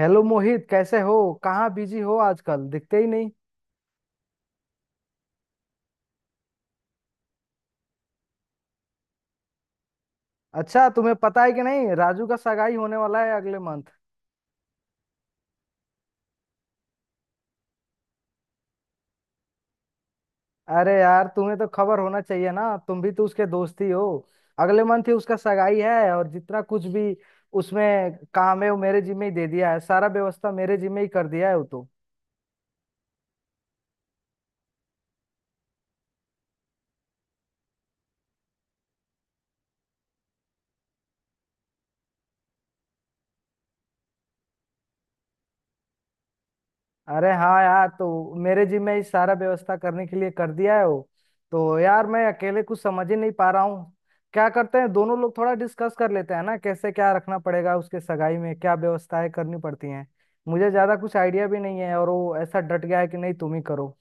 Hello Mohit कैसे हो। कहाँ बिजी हो आजकल दिखते ही नहीं। अच्छा तुम्हें पता है कि नहीं राजू का सगाई होने वाला है अगले मंथ। अरे यार तुम्हें तो खबर होना चाहिए ना तुम भी तो उसके दोस्त ही हो। अगले मंथ ही उसका सगाई है और जितना कुछ भी उसमें काम है वो मेरे जिम्मे ही दे दिया है। सारा व्यवस्था मेरे जिम्मे ही कर दिया है वो तो। अरे हाँ यार तो मेरे जी में ही सारा व्यवस्था करने के लिए कर दिया है वो। तो यार मैं अकेले कुछ समझ ही नहीं पा रहा हूँ। क्या करते हैं दोनों लोग थोड़ा डिस्कस कर लेते हैं ना कैसे क्या रखना पड़ेगा उसके सगाई में क्या व्यवस्थाएं करनी पड़ती हैं। मुझे ज्यादा कुछ आइडिया भी नहीं है और वो ऐसा डट गया है कि नहीं तुम ही करो।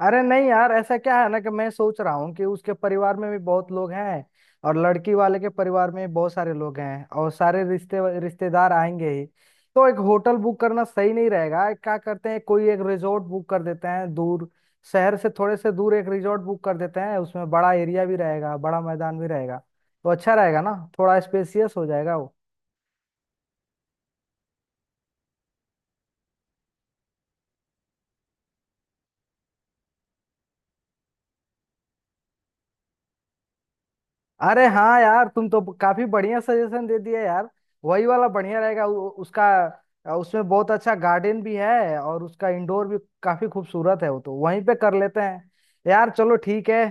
अरे नहीं यार ऐसा क्या है ना कि मैं सोच रहा हूँ कि उसके परिवार में भी बहुत लोग हैं और लड़की वाले के परिवार में भी बहुत सारे लोग हैं और सारे रिश्ते रिश्तेदार आएंगे ही। तो एक होटल बुक करना सही नहीं रहेगा। एक क्या करते हैं कोई एक रिजॉर्ट बुक कर देते हैं दूर शहर से थोड़े से दूर एक रिजॉर्ट बुक कर देते हैं उसमें बड़ा एरिया भी रहेगा बड़ा मैदान भी रहेगा। तो अच्छा रहेगा ना थोड़ा स्पेसियस हो जाएगा वो। अरे हाँ यार तुम तो काफी बढ़िया सजेशन दे दिया यार। वही वाला बढ़िया रहेगा उसका उसमें बहुत अच्छा गार्डन भी है और उसका इंडोर भी काफी खूबसूरत है। वो तो वहीं पे कर लेते हैं यार। चलो ठीक है।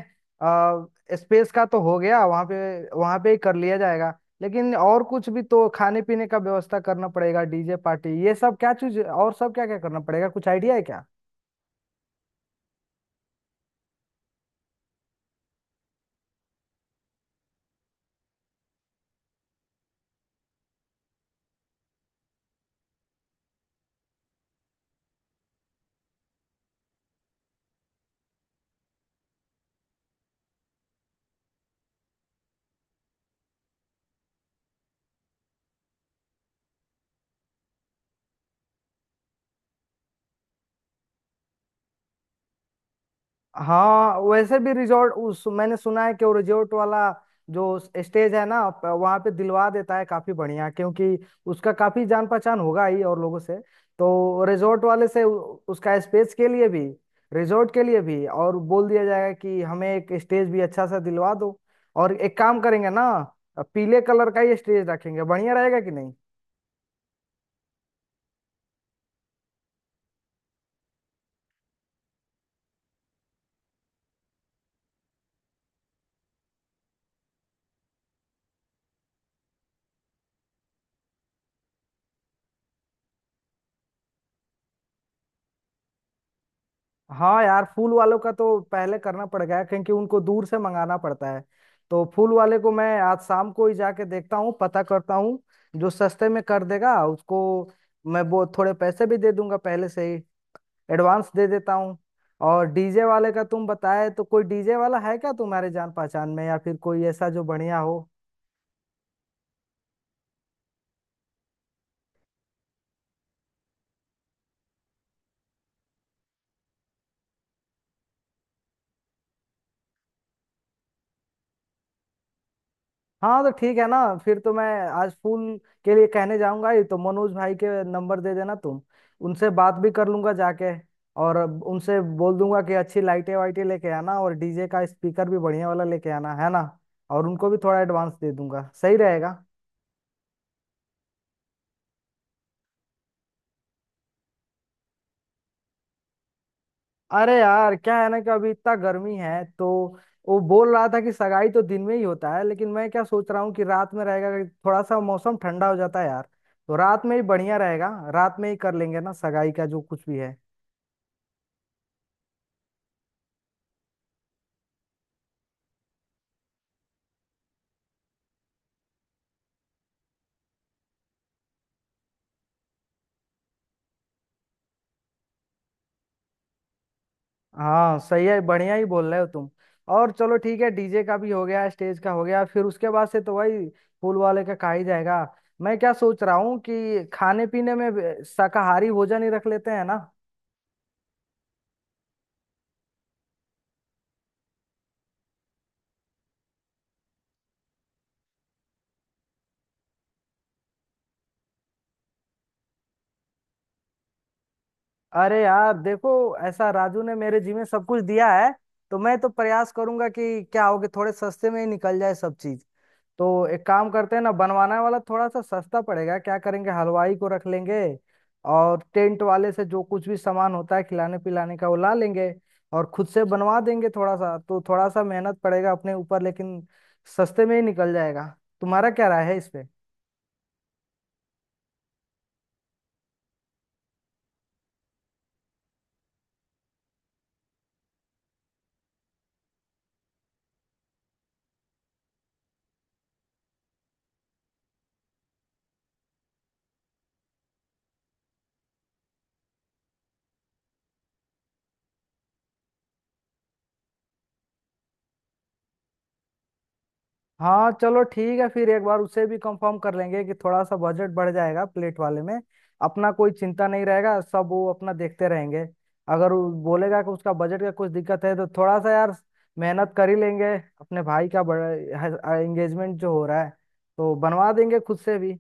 आ, स्पेस का तो हो गया वहाँ पे ही कर लिया जाएगा। लेकिन और कुछ भी तो खाने पीने का व्यवस्था करना पड़ेगा। डीजे पार्टी ये सब क्या चीज और सब क्या क्या करना पड़ेगा कुछ आइडिया है क्या। हाँ वैसे भी रिजॉर्ट उस मैंने सुना है कि वो रिजॉर्ट वाला जो स्टेज है ना वहाँ पे दिलवा देता है काफी बढ़िया, क्योंकि उसका काफी जान पहचान होगा ही और लोगों से। तो रिजॉर्ट वाले से उसका स्पेस के लिए भी रिजॉर्ट के लिए भी और बोल दिया जाएगा कि हमें एक स्टेज भी अच्छा सा दिलवा दो। और एक काम करेंगे ना पीले कलर का ही स्टेज रखेंगे बढ़िया रहेगा कि नहीं। हाँ यार फूल वालों का तो पहले करना पड़ गया है, क्योंकि उनको दूर से मंगाना पड़ता है। तो फूल वाले को मैं आज शाम को ही जाके देखता हूँ पता करता हूँ जो सस्ते में कर देगा उसको। मैं वो थोड़े पैसे भी दे दूंगा पहले से ही। एडवांस दे देता हूँ। और डीजे वाले का तुम बताए तो कोई डीजे वाला है क्या तुम्हारे जान पहचान में या फिर कोई ऐसा जो बढ़िया हो। हाँ तो ठीक है ना। फिर तो मैं आज फूल के लिए कहने जाऊंगा ही तो मनोज भाई के नंबर दे देना तुम। उनसे बात भी कर लूंगा जाके। और उनसे बोल दूंगा कि अच्छी लाइटें वाइटें लेके आना और डीजे का स्पीकर भी बढ़िया वाला लेके आना है ना। और उनको भी थोड़ा एडवांस दे दूंगा सही रहेगा। अरे यार क्या है ना कि अभी इतना गर्मी है तो वो बोल रहा था कि सगाई तो दिन में ही होता है लेकिन मैं क्या सोच रहा हूँ कि रात में रहेगा कि थोड़ा सा मौसम ठंडा हो जाता है यार। तो रात में ही बढ़िया रहेगा। रात में ही कर लेंगे ना सगाई का जो कुछ भी है। हाँ सही है बढ़िया ही बोल रहे हो तुम। और चलो ठीक है डीजे का भी हो गया स्टेज का हो गया फिर उसके बाद से तो भाई फूल वाले का खा ही जाएगा। मैं क्या सोच रहा हूँ कि खाने पीने में भी शाकाहारी भोजन ही रख लेते हैं ना। अरे यार देखो ऐसा राजू ने मेरे जी में सब कुछ दिया है। तो मैं तो प्रयास करूंगा कि क्या होगे थोड़े सस्ते में ही निकल जाए सब चीज। तो एक काम करते हैं ना बनवाना वाला थोड़ा सा सस्ता पड़ेगा। क्या करेंगे हलवाई को रख लेंगे और टेंट वाले से जो कुछ भी सामान होता है खिलाने पिलाने का वो ला लेंगे और खुद से बनवा देंगे। थोड़ा सा तो थोड़ा सा मेहनत पड़ेगा अपने ऊपर लेकिन सस्ते में ही निकल जाएगा। तुम्हारा क्या राय है इस पे। हाँ चलो ठीक है फिर एक बार उसे भी कंफर्म कर लेंगे कि थोड़ा सा बजट बढ़ जाएगा प्लेट वाले में। अपना कोई चिंता नहीं रहेगा सब वो अपना देखते रहेंगे। अगर वो बोलेगा कि उसका बजट का कुछ दिक्कत है तो थोड़ा सा यार मेहनत कर ही लेंगे। अपने भाई का बड़ा एंगेजमेंट जो हो रहा है तो बनवा देंगे खुद से भी।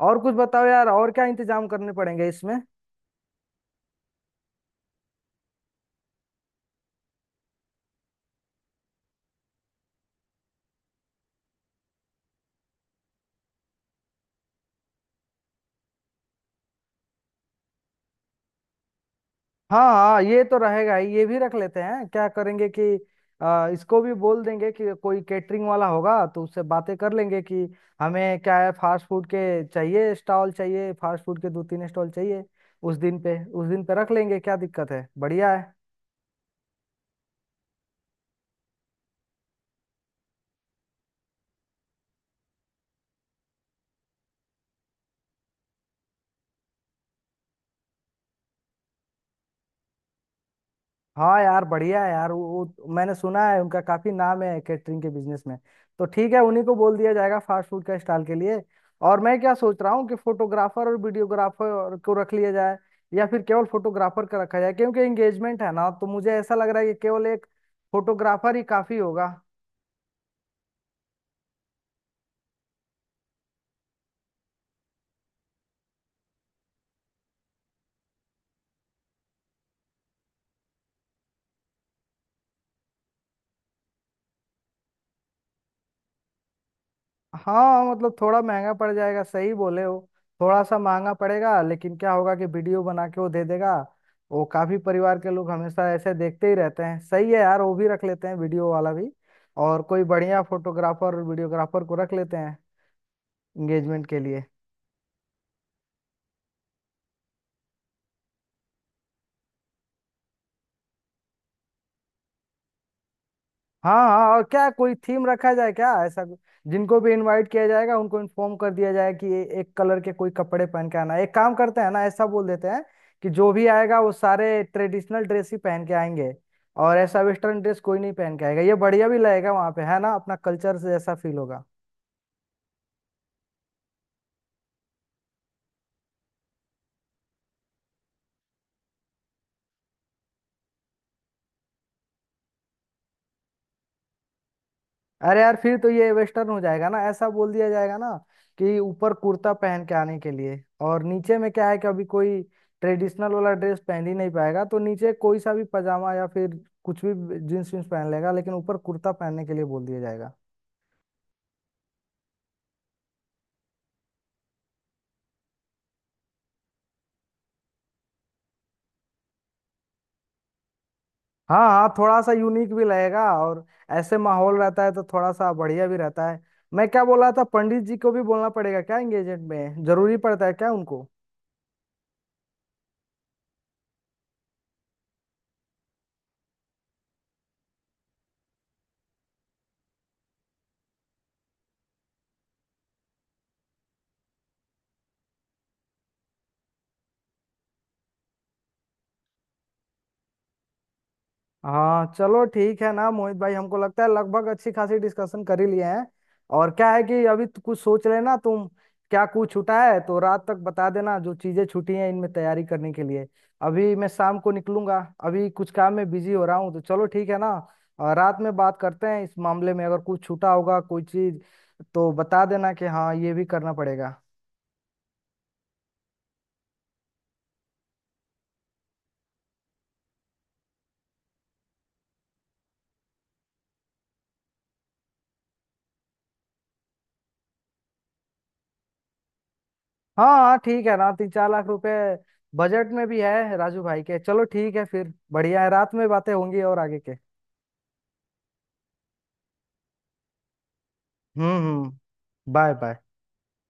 और कुछ बताओ यार और क्या इंतजाम करने पड़ेंगे इसमें। हाँ हाँ ये तो रहेगा ही। ये भी रख लेते हैं क्या करेंगे कि इसको भी बोल देंगे कि कोई कैटरिंग वाला होगा तो उससे बातें कर लेंगे कि हमें क्या है फास्ट फूड के चाहिए स्टॉल चाहिए। फास्ट फूड के दो तीन स्टॉल चाहिए उस दिन पे रख लेंगे क्या दिक्कत है बढ़िया है। हाँ यार बढ़िया है यार वो मैंने सुना है उनका काफी नाम है कैटरिंग के बिजनेस में। तो ठीक है उन्हीं को बोल दिया जाएगा फास्ट फूड का स्टॉल के लिए। और मैं क्या सोच रहा हूँ कि फोटोग्राफर और वीडियोग्राफर को रख लिया जाए या फिर केवल फोटोग्राफर का रखा जाए, क्योंकि एंगेजमेंट है ना तो मुझे ऐसा लग रहा है कि केवल एक फोटोग्राफर ही काफी होगा। हाँ मतलब थोड़ा महंगा पड़ जाएगा सही बोले हो। थोड़ा सा महंगा पड़ेगा लेकिन क्या होगा कि वीडियो बना के वो दे देगा। वो काफी परिवार के लोग हमेशा ऐसे देखते ही रहते हैं। सही है यार वो भी रख लेते हैं वीडियो वाला भी। और कोई बढ़िया फोटोग्राफर वीडियोग्राफर को रख लेते हैं एंगेजमेंट के लिए। हाँ हाँ और क्या कोई थीम रखा जाए क्या ऐसा जिनको भी इनवाइट किया जाएगा उनको इन्फॉर्म कर दिया जाए कि ये एक कलर के कोई कपड़े पहन के आना है। एक काम करते हैं ना ऐसा बोल देते हैं कि जो भी आएगा वो सारे ट्रेडिशनल ड्रेस ही पहन के आएंगे और ऐसा वेस्टर्न ड्रेस कोई नहीं पहन के आएगा। ये बढ़िया भी लगेगा वहाँ पे है ना अपना कल्चर से ऐसा फील होगा। अरे यार फिर तो ये वेस्टर्न हो जाएगा ना। ऐसा बोल दिया जाएगा ना कि ऊपर कुर्ता पहन के आने के लिए और नीचे में क्या है कि अभी कोई ट्रेडिशनल वाला ड्रेस पहन ही नहीं पाएगा तो नीचे कोई सा भी पजामा या फिर कुछ भी जींस वींस पहन लेगा लेकिन ऊपर कुर्ता पहनने के लिए बोल दिया जाएगा। हाँ हाँ थोड़ा सा यूनिक भी लगेगा। और ऐसे माहौल रहता है तो थोड़ा सा बढ़िया भी रहता है। मैं क्या बोल रहा था पंडित जी को भी बोलना पड़ेगा क्या एंगेजमेंट में जरूरी पड़ता है क्या उनको। हाँ चलो ठीक है ना मोहित भाई हमको लगता है लगभग अच्छी खासी डिस्कशन कर ही लिए हैं। और क्या है कि अभी तो कुछ सोच लेना तुम क्या कुछ छूटा है तो रात तक बता देना जो चीजें छूटी हैं इनमें तैयारी करने के लिए। अभी मैं शाम को निकलूंगा। अभी कुछ काम में बिजी हो रहा हूँ तो चलो ठीक है ना। और रात में बात करते हैं इस मामले में अगर कुछ छूटा होगा कोई चीज तो बता देना कि हाँ ये भी करना पड़ेगा। हाँ हाँ ठीक है ना। 3-4 लाख रुपए बजट में भी है राजू भाई के। चलो ठीक है फिर बढ़िया है रात में बातें होंगी और आगे के। Bye bye.